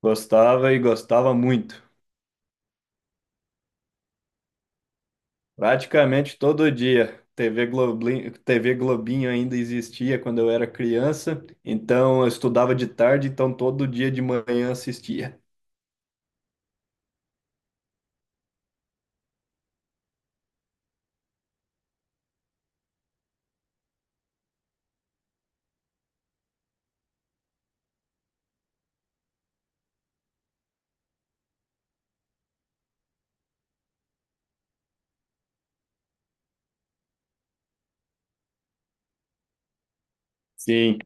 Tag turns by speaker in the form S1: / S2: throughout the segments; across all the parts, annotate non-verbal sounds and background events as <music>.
S1: Gostava e gostava muito. Praticamente todo dia. TV Globinho ainda existia quando eu era criança, então eu estudava de tarde, então todo dia de manhã assistia. Sim,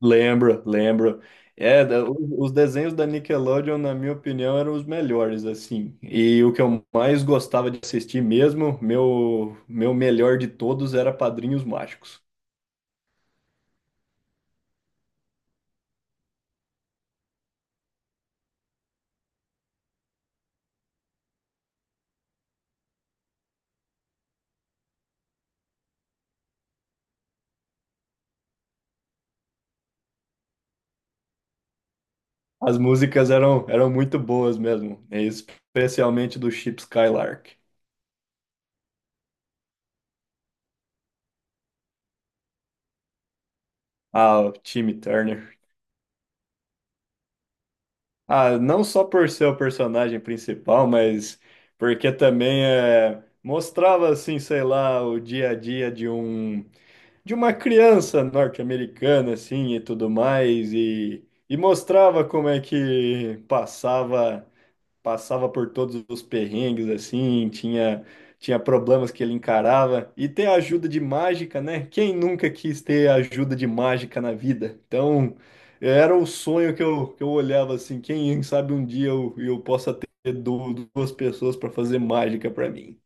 S1: lembro, lembro. É, os desenhos da Nickelodeon, na minha opinião, eram os melhores, assim. E o que eu mais gostava de assistir mesmo, meu melhor de todos era Padrinhos Mágicos. As músicas eram muito boas mesmo, né? Especialmente do Chip Skylark. Ah, o Timmy Turner. Ah, não só por ser o personagem principal, mas porque também mostrava assim, sei lá, o dia a dia de uma criança norte-americana assim e tudo mais e mostrava como é que passava por todos os perrengues assim, tinha problemas que ele encarava e ter ajuda de mágica, né? Quem nunca quis ter ajuda de mágica na vida? Então, era o sonho que eu olhava assim, quem sabe um dia eu possa ter duas pessoas para fazer mágica para mim.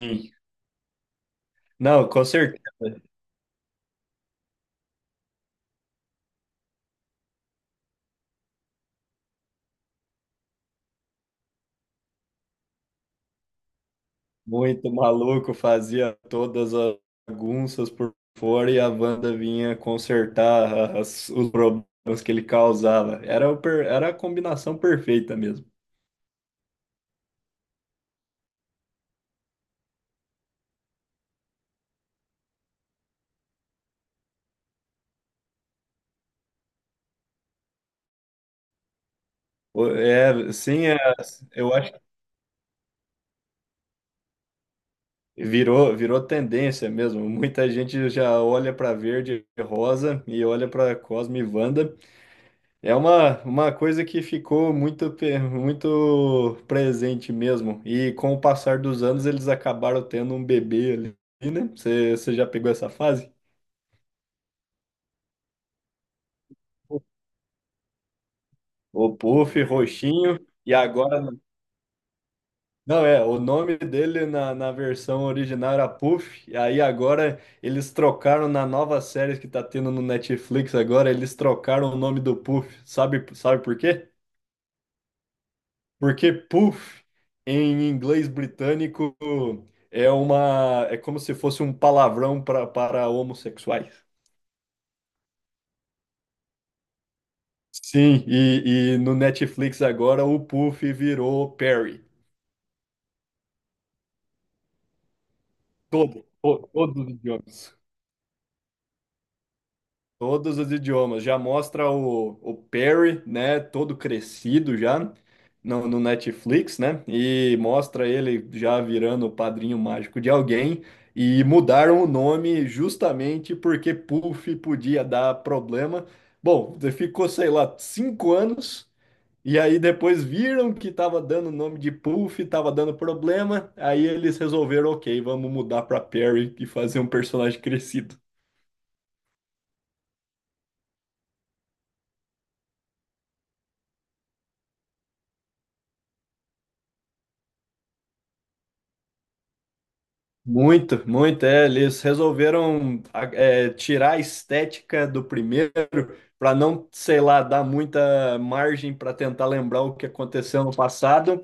S1: Sim. Não, com certeza. Muito maluco, fazia todas as bagunças por fora e a Wanda vinha consertar os problemas que ele causava. Era a combinação perfeita mesmo. É, sim, eu acho que virou tendência mesmo. Muita gente já olha para verde e rosa e olha para Cosme e Wanda. É uma coisa que ficou muito, muito presente mesmo. E com o passar dos anos, eles acabaram tendo um bebê ali, né? Você já pegou essa fase? O Puff, roxinho, e agora. Não, é, o nome dele na versão original era Puff, e aí agora eles trocaram na nova série que tá tendo no Netflix agora, eles trocaram o nome do Puff. Sabe por quê? Porque puff, em inglês britânico, é como se fosse um palavrão para homossexuais. Sim, e no Netflix agora o puff virou Perry. Todos os idiomas. Todos os idiomas. Já mostra o Perry, né? Todo crescido já no Netflix, né? E mostra ele já virando o padrinho mágico de alguém. E mudaram o nome justamente porque Puff podia dar problema. Bom, ficou, sei lá, 5 anos. E aí depois viram que tava dando o nome de Puff, tava dando problema. Aí eles resolveram, ok, vamos mudar para Perry e fazer um personagem crescido. Muito, muito, eles resolveram tirar a estética do primeiro para não, sei lá, dar muita margem para tentar lembrar o que aconteceu no passado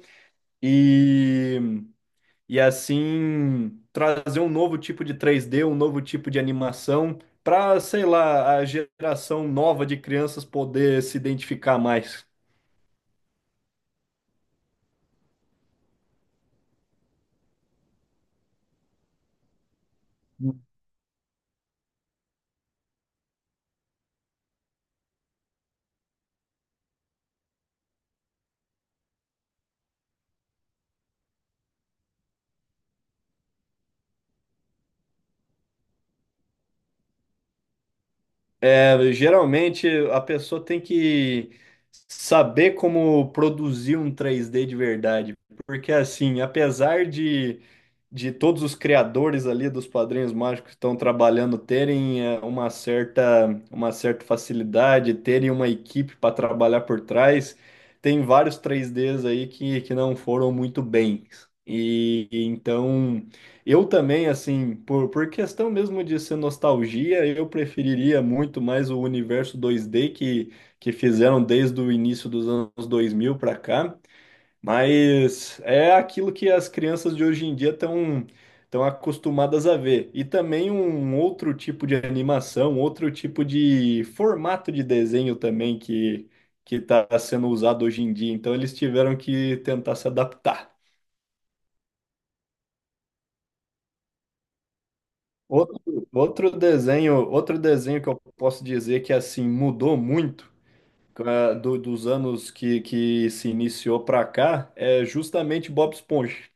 S1: e, e assim trazer um novo tipo de 3D, um novo tipo de animação para, sei lá, a geração nova de crianças poder se identificar mais. É, geralmente a pessoa tem que saber como produzir um 3D de verdade, porque assim, apesar de todos os criadores ali dos Padrinhos Mágicos que estão trabalhando terem uma certa facilidade, terem uma equipe para trabalhar por trás, tem vários 3Ds aí que não foram muito bem. E então eu também, assim, por questão mesmo de ser nostalgia, eu preferiria muito mais o universo 2D que fizeram desde o início dos anos 2000 para cá, mas é aquilo que as crianças de hoje em dia estão acostumadas a ver. E também um outro tipo de animação, outro tipo de formato de desenho também que está sendo usado hoje em dia. Então eles tiveram que tentar se adaptar. Outro desenho que eu posso dizer que assim mudou muito dos anos que se iniciou para cá é justamente Bob Esponja.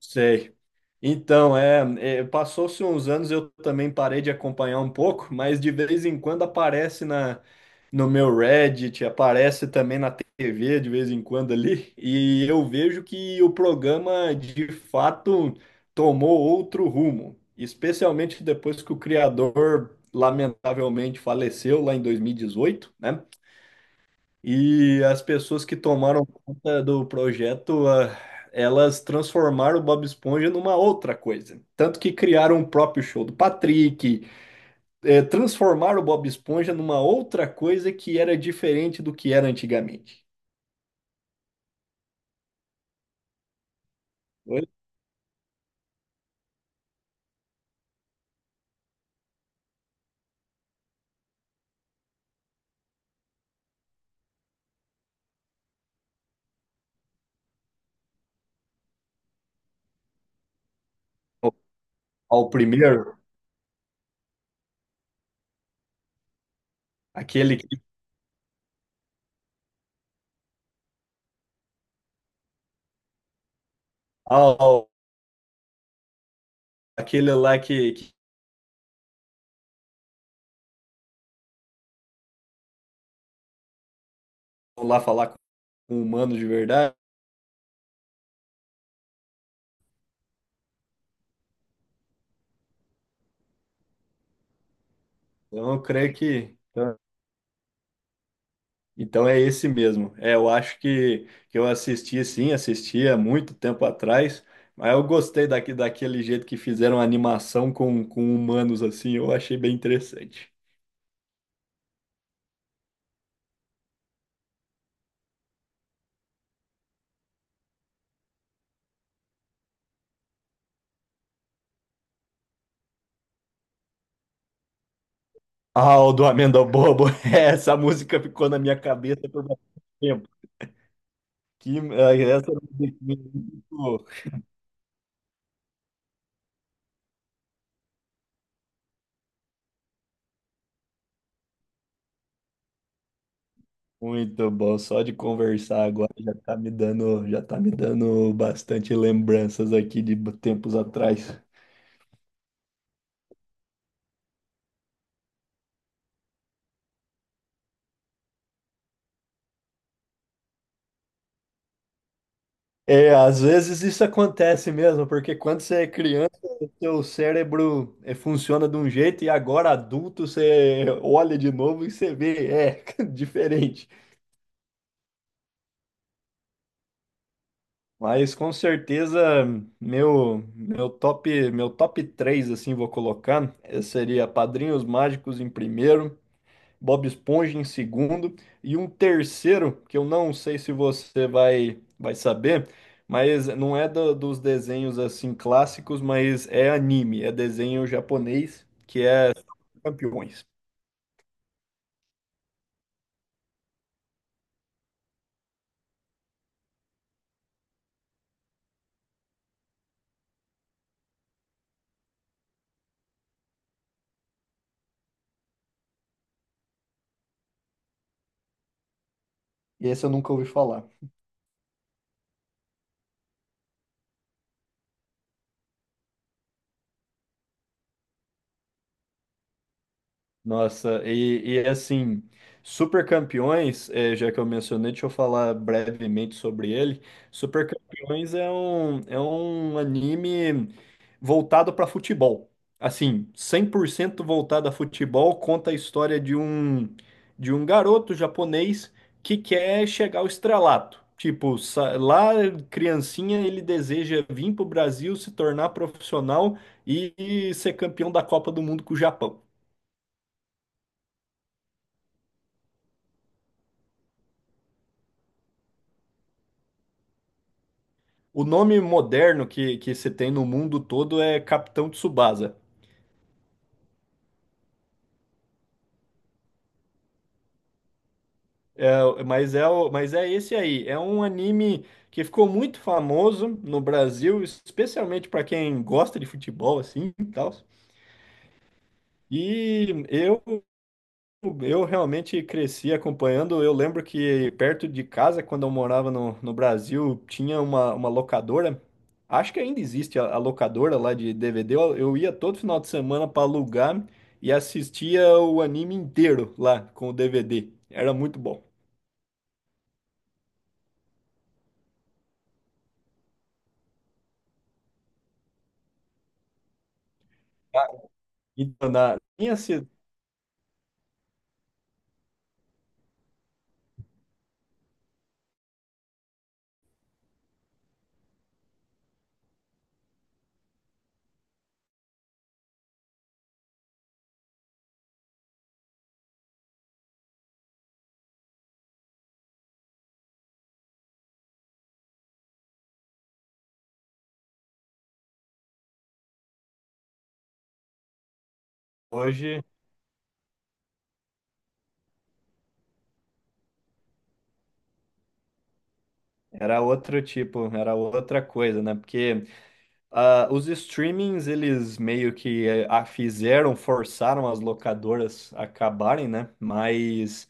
S1: Sei. Então, passou-se uns anos, eu também parei de acompanhar um pouco, mas de vez em quando aparece na no meu Reddit, aparece também na TV de vez em quando ali, e eu vejo que o programa de fato tomou outro rumo, especialmente depois que o criador lamentavelmente faleceu lá em 2018, né? E as pessoas que tomaram conta do projeto, elas transformaram o Bob Esponja numa outra coisa. Tanto que criaram o próprio show do Patrick, transformar o Bob Esponja numa outra coisa que era diferente do que era antigamente. Oi? Ao ao primeiro, aquele, que- ao, aquele lá que foi lá falar com humanos de verdade. Então, eu creio que. Então é esse mesmo. É, eu acho que eu assisti sim, assisti há muito tempo atrás, mas eu gostei daquele jeito que fizeram a animação com humanos assim, eu achei bem interessante. Aldo Amenda Bobo, <laughs> essa música ficou na minha cabeça por bastante tempo. Que, essa musiquinha é muito, muito bom. Só de conversar agora já tá me dando bastante lembranças aqui de tempos atrás. É, às vezes isso acontece mesmo, porque quando você é criança, seu cérebro funciona de um jeito e agora adulto você olha de novo e você vê, é <laughs> diferente. Mas com certeza meu top três assim vou colocar, seria Padrinhos Mágicos em primeiro, Bob Esponja em segundo e um terceiro que eu não sei se você vai saber, mas não é dos desenhos assim clássicos, mas é anime, é desenho japonês que é Campeões. E esse eu nunca ouvi falar. Nossa, assim, Super Campeões, já que eu mencionei, deixa eu falar brevemente sobre ele. Super Campeões é é um anime voltado para futebol. Assim, 100% voltado a futebol, conta a história de um garoto japonês que quer chegar ao estrelato. Tipo, lá, criancinha, ele deseja vir para o Brasil, se tornar profissional e ser campeão da Copa do Mundo com o Japão. O nome moderno que se tem no mundo todo é Capitão Tsubasa. É, mas, mas é esse aí. É um anime que ficou muito famoso no Brasil, especialmente para quem gosta de futebol assim e tal. E eu Eu realmente cresci acompanhando. Eu lembro que perto de casa, quando eu morava no Brasil, tinha uma locadora. Acho que ainda existe a locadora lá de DVD. Eu ia todo final de semana para alugar e assistia o anime inteiro lá com o DVD. Era muito bom. Então, na minha cidade hoje era outro tipo, era outra coisa, né? Porque, ah, os streamings, eles meio que fizeram, forçaram as locadoras a acabarem, né? Mas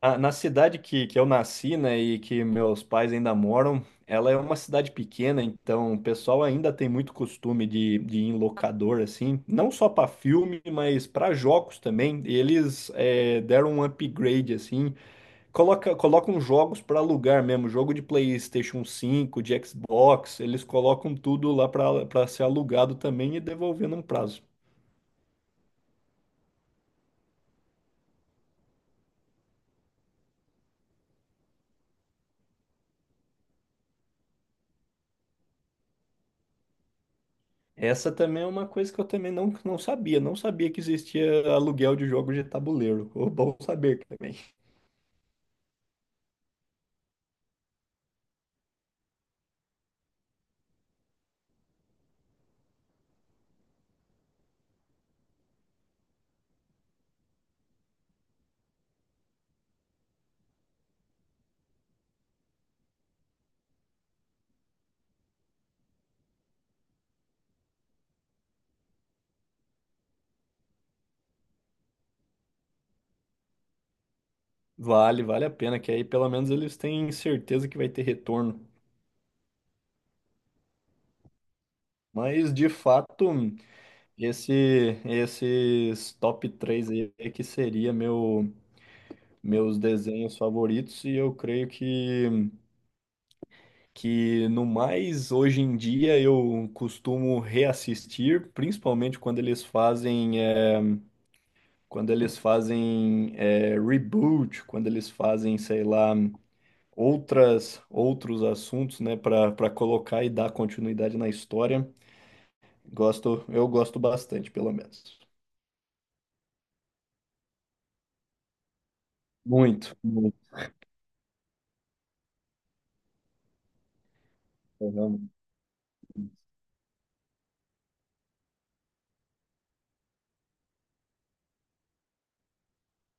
S1: ah, na cidade que eu nasci, né, e que meus pais ainda moram, ela é uma cidade pequena, então o pessoal ainda tem muito costume de ir em locador, assim, não só para filme, mas para jogos também. Eles deram um upgrade, assim. Colocam jogos para alugar mesmo, jogo de PlayStation 5, de Xbox, eles colocam tudo lá para ser alugado também e devolver num prazo. Essa também é uma coisa que eu também não sabia que existia aluguel de jogos de tabuleiro. Ô, bom saber também. Vale a pena, que aí pelo menos eles têm certeza que vai ter retorno. Mas de fato. Esse, esses top 3 aí é que seria meus desenhos favoritos, e eu creio que no mais hoje em dia eu costumo reassistir, principalmente quando eles fazem reboot, quando eles fazem, sei lá, outros assuntos, né, para colocar e dar continuidade na história. Eu gosto bastante, pelo menos. Muito, muito.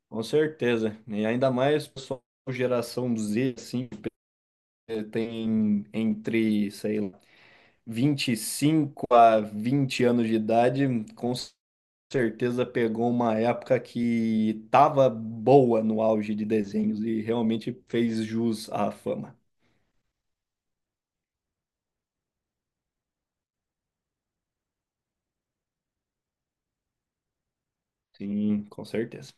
S1: Com certeza. E ainda mais o pessoal geração Z, assim, tem entre, sei lá, 25 a 20 anos de idade, com certeza pegou uma época que tava boa no auge de desenhos e realmente fez jus à fama. Sim, com certeza.